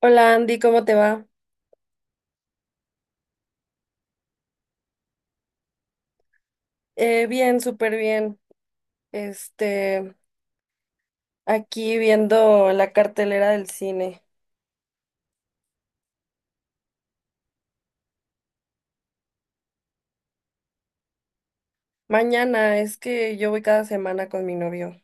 Hola Andy, ¿cómo te va? Bien, súper bien. Este, Aquí viendo la cartelera del cine. Mañana es que yo voy cada semana con mi novio.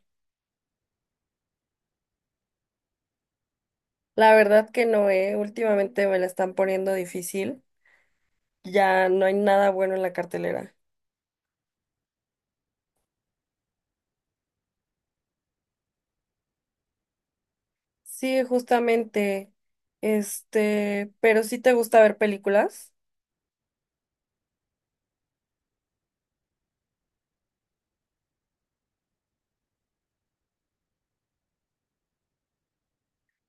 La verdad que no, eh. Últimamente me la están poniendo difícil. Ya no hay nada bueno en la cartelera. Sí, justamente. Pero sí te gusta ver películas.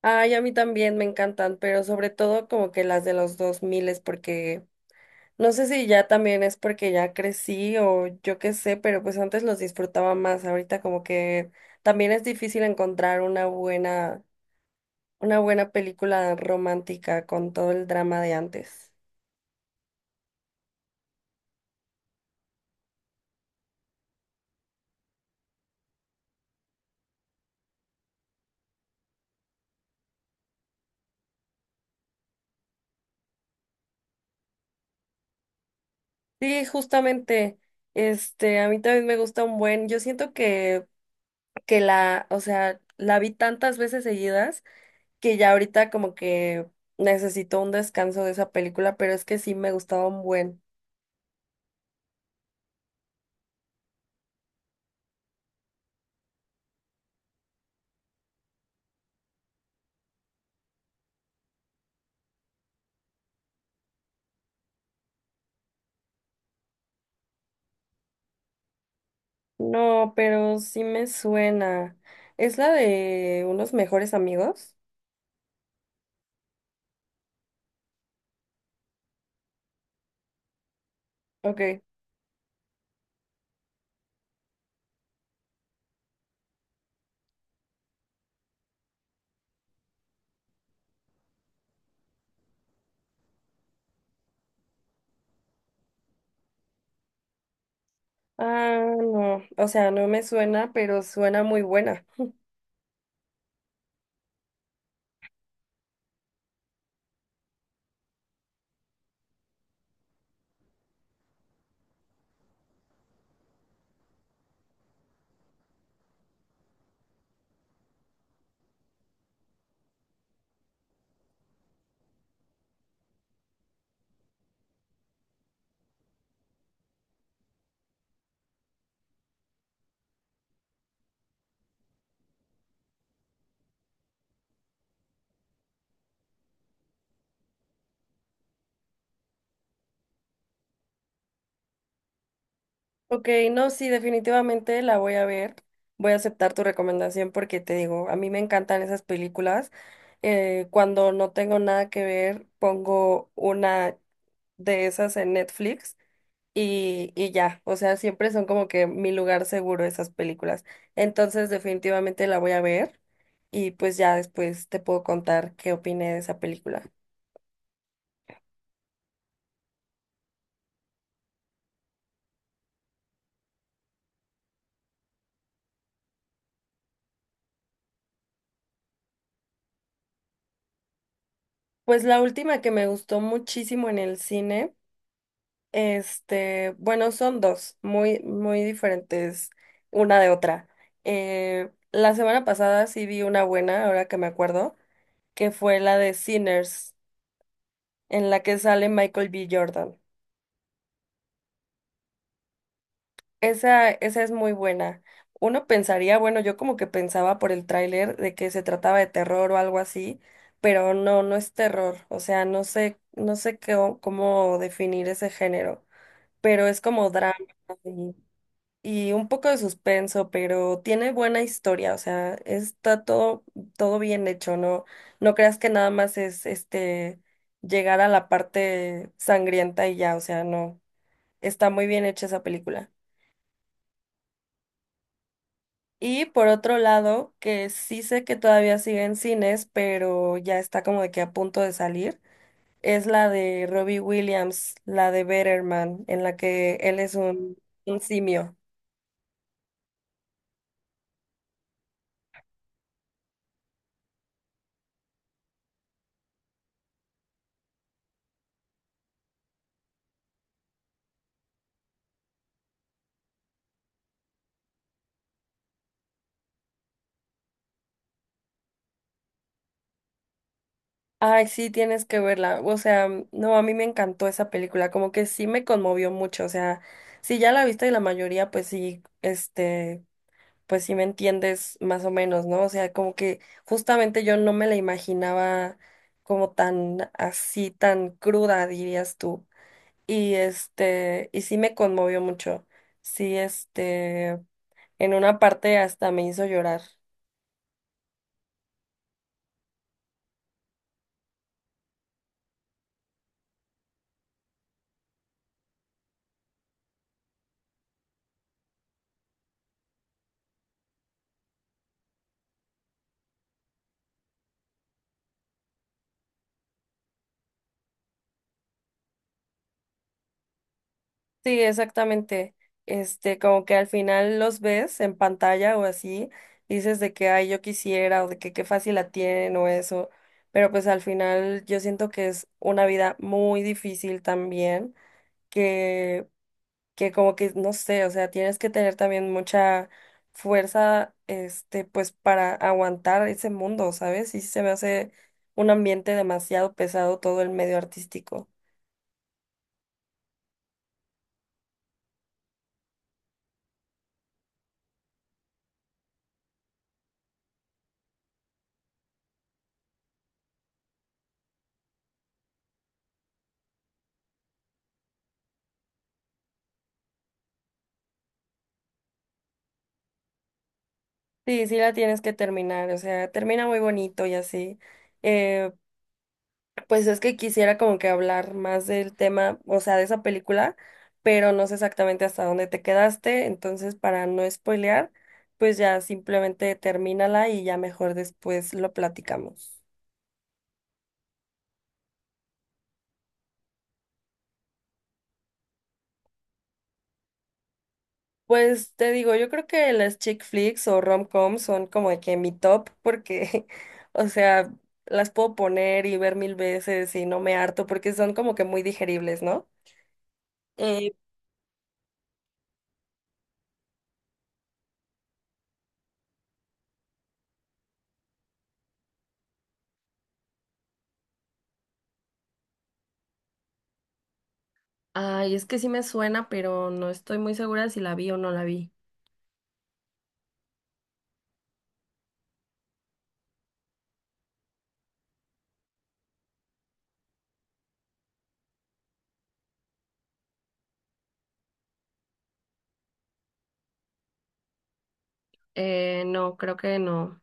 Ay, a mí también me encantan, pero sobre todo como que las de los 2000, porque no sé si ya también es porque ya crecí o yo qué sé, pero pues antes los disfrutaba más. Ahorita como que también es difícil encontrar una buena película romántica con todo el drama de antes. Sí, justamente, a mí también me gusta un buen. Yo siento que la, o sea, la vi tantas veces seguidas que ya ahorita como que necesito un descanso de esa película, pero es que sí me gustaba un buen. No, pero sí me suena. ¿Es la de unos mejores amigos? Ok. Ah, no. O sea, no me suena, pero suena muy buena. Ok, no, sí, definitivamente la voy a ver. Voy a aceptar tu recomendación porque te digo, a mí me encantan esas películas. Cuando no tengo nada que ver, pongo una de esas en Netflix y ya, o sea, siempre son como que mi lugar seguro esas películas. Entonces, definitivamente la voy a ver y pues ya después te puedo contar qué opiné de esa película. Pues la última que me gustó muchísimo en el cine, bueno, son dos, muy, muy diferentes una de otra. La semana pasada sí vi una buena, ahora que me acuerdo, que fue la de Sinners, en la que sale Michael B. Jordan. Esa es muy buena. Uno pensaría, bueno, yo como que pensaba por el tráiler de que se trataba de terror o algo así, pero no, no es terror. O sea, no sé, no sé qué, cómo definir ese género, pero es como drama y, y un poco de suspenso, pero tiene buena historia. O sea, está todo bien hecho, ¿no? No creas que nada más es llegar a la parte sangrienta y ya, o sea, no. Está muy bien hecha esa película. Y por otro lado, que sí sé que todavía sigue en cines, pero ya está como de que a punto de salir, es la de Robbie Williams, la de Better Man, en la que él es un simio. Ay, sí, tienes que verla. O sea, no, a mí me encantó esa película, como que sí me conmovió mucho. O sea, si ya la viste y la mayoría, pues sí, pues si me entiendes más o menos, ¿no? O sea, como que justamente yo no me la imaginaba como tan así, tan cruda, dirías tú. Y sí me conmovió mucho. Sí, en una parte hasta me hizo llorar. Sí, exactamente. Como que al final los ves en pantalla o así, dices de que, ay, yo quisiera, o de que qué fácil la tienen o eso, pero pues al final yo siento que es una vida muy difícil también que, que como que, no sé, o sea, tienes que tener también mucha fuerza, pues para aguantar ese mundo, ¿sabes? Y sí se me hace un ambiente demasiado pesado todo el medio artístico. Sí, sí la tienes que terminar, o sea, termina muy bonito y así. eh, Pues es que quisiera como que hablar más del tema, o sea, de esa película, pero no sé exactamente hasta dónde te quedaste, entonces para no spoilear, pues ya simplemente termínala y ya mejor después lo platicamos. Pues te digo, yo creo que las chick flicks o rom-com son como de que mi top porque, o sea, las puedo poner y ver mil veces y no me harto porque son como que muy digeribles, ¿no? Eh, Ay, es que sí me suena, pero no estoy muy segura si la vi o no la vi. No, creo que no.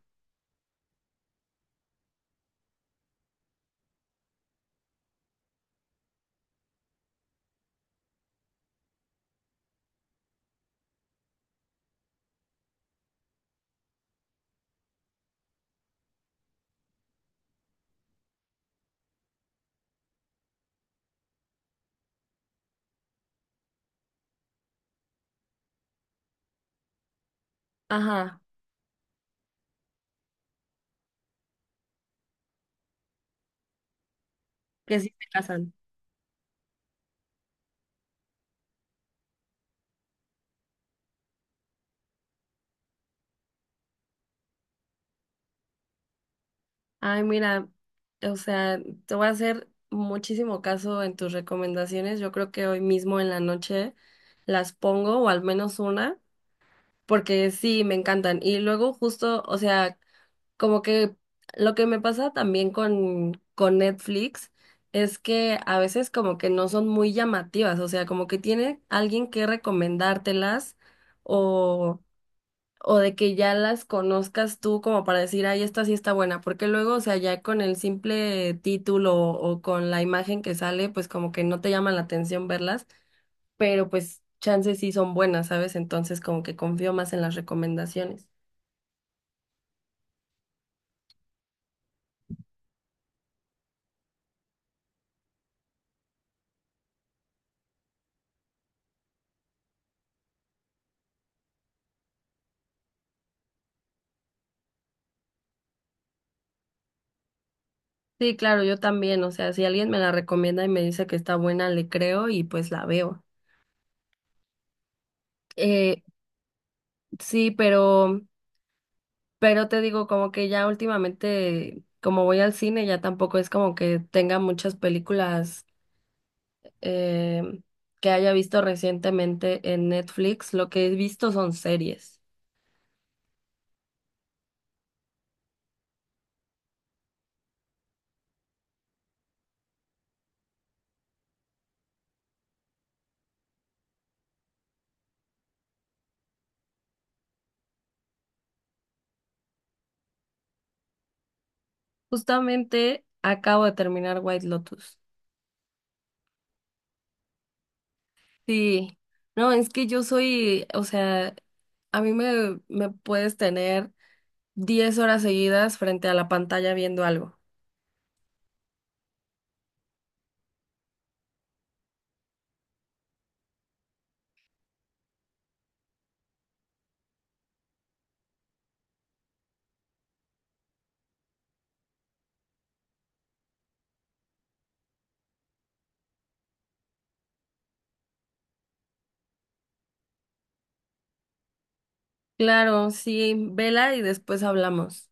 Ajá, que sí se casan. Ay, mira, o sea, te voy a hacer muchísimo caso en tus recomendaciones. Yo creo que hoy mismo en la noche las pongo, o al menos una, porque sí, me encantan. Y luego justo, o sea, como que lo que me pasa también con Netflix es que a veces como que no son muy llamativas, o sea, como que tiene alguien que recomendártelas o... o de que ya las conozcas tú como para decir, ay, esta sí está buena, porque luego, o sea, ya con el simple título o con la imagen que sale, pues como que no te llama la atención verlas, pero pues chances sí son buenas, ¿sabes? Entonces como que confío más en las recomendaciones. Sí, claro, yo también, o sea, si alguien me la recomienda y me dice que está buena, le creo y pues la veo. Eh, sí, pero te digo, como que ya últimamente, como voy al cine, ya tampoco es como que tenga muchas películas eh, que haya visto recientemente en Netflix. Lo que he visto son series. Justamente acabo de terminar White Lotus. Sí, no, es que yo soy, o sea, a mí me puedes tener 10 horas seguidas frente a la pantalla viendo algo. Claro, sí, vela y después hablamos.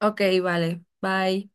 Ok, vale, bye.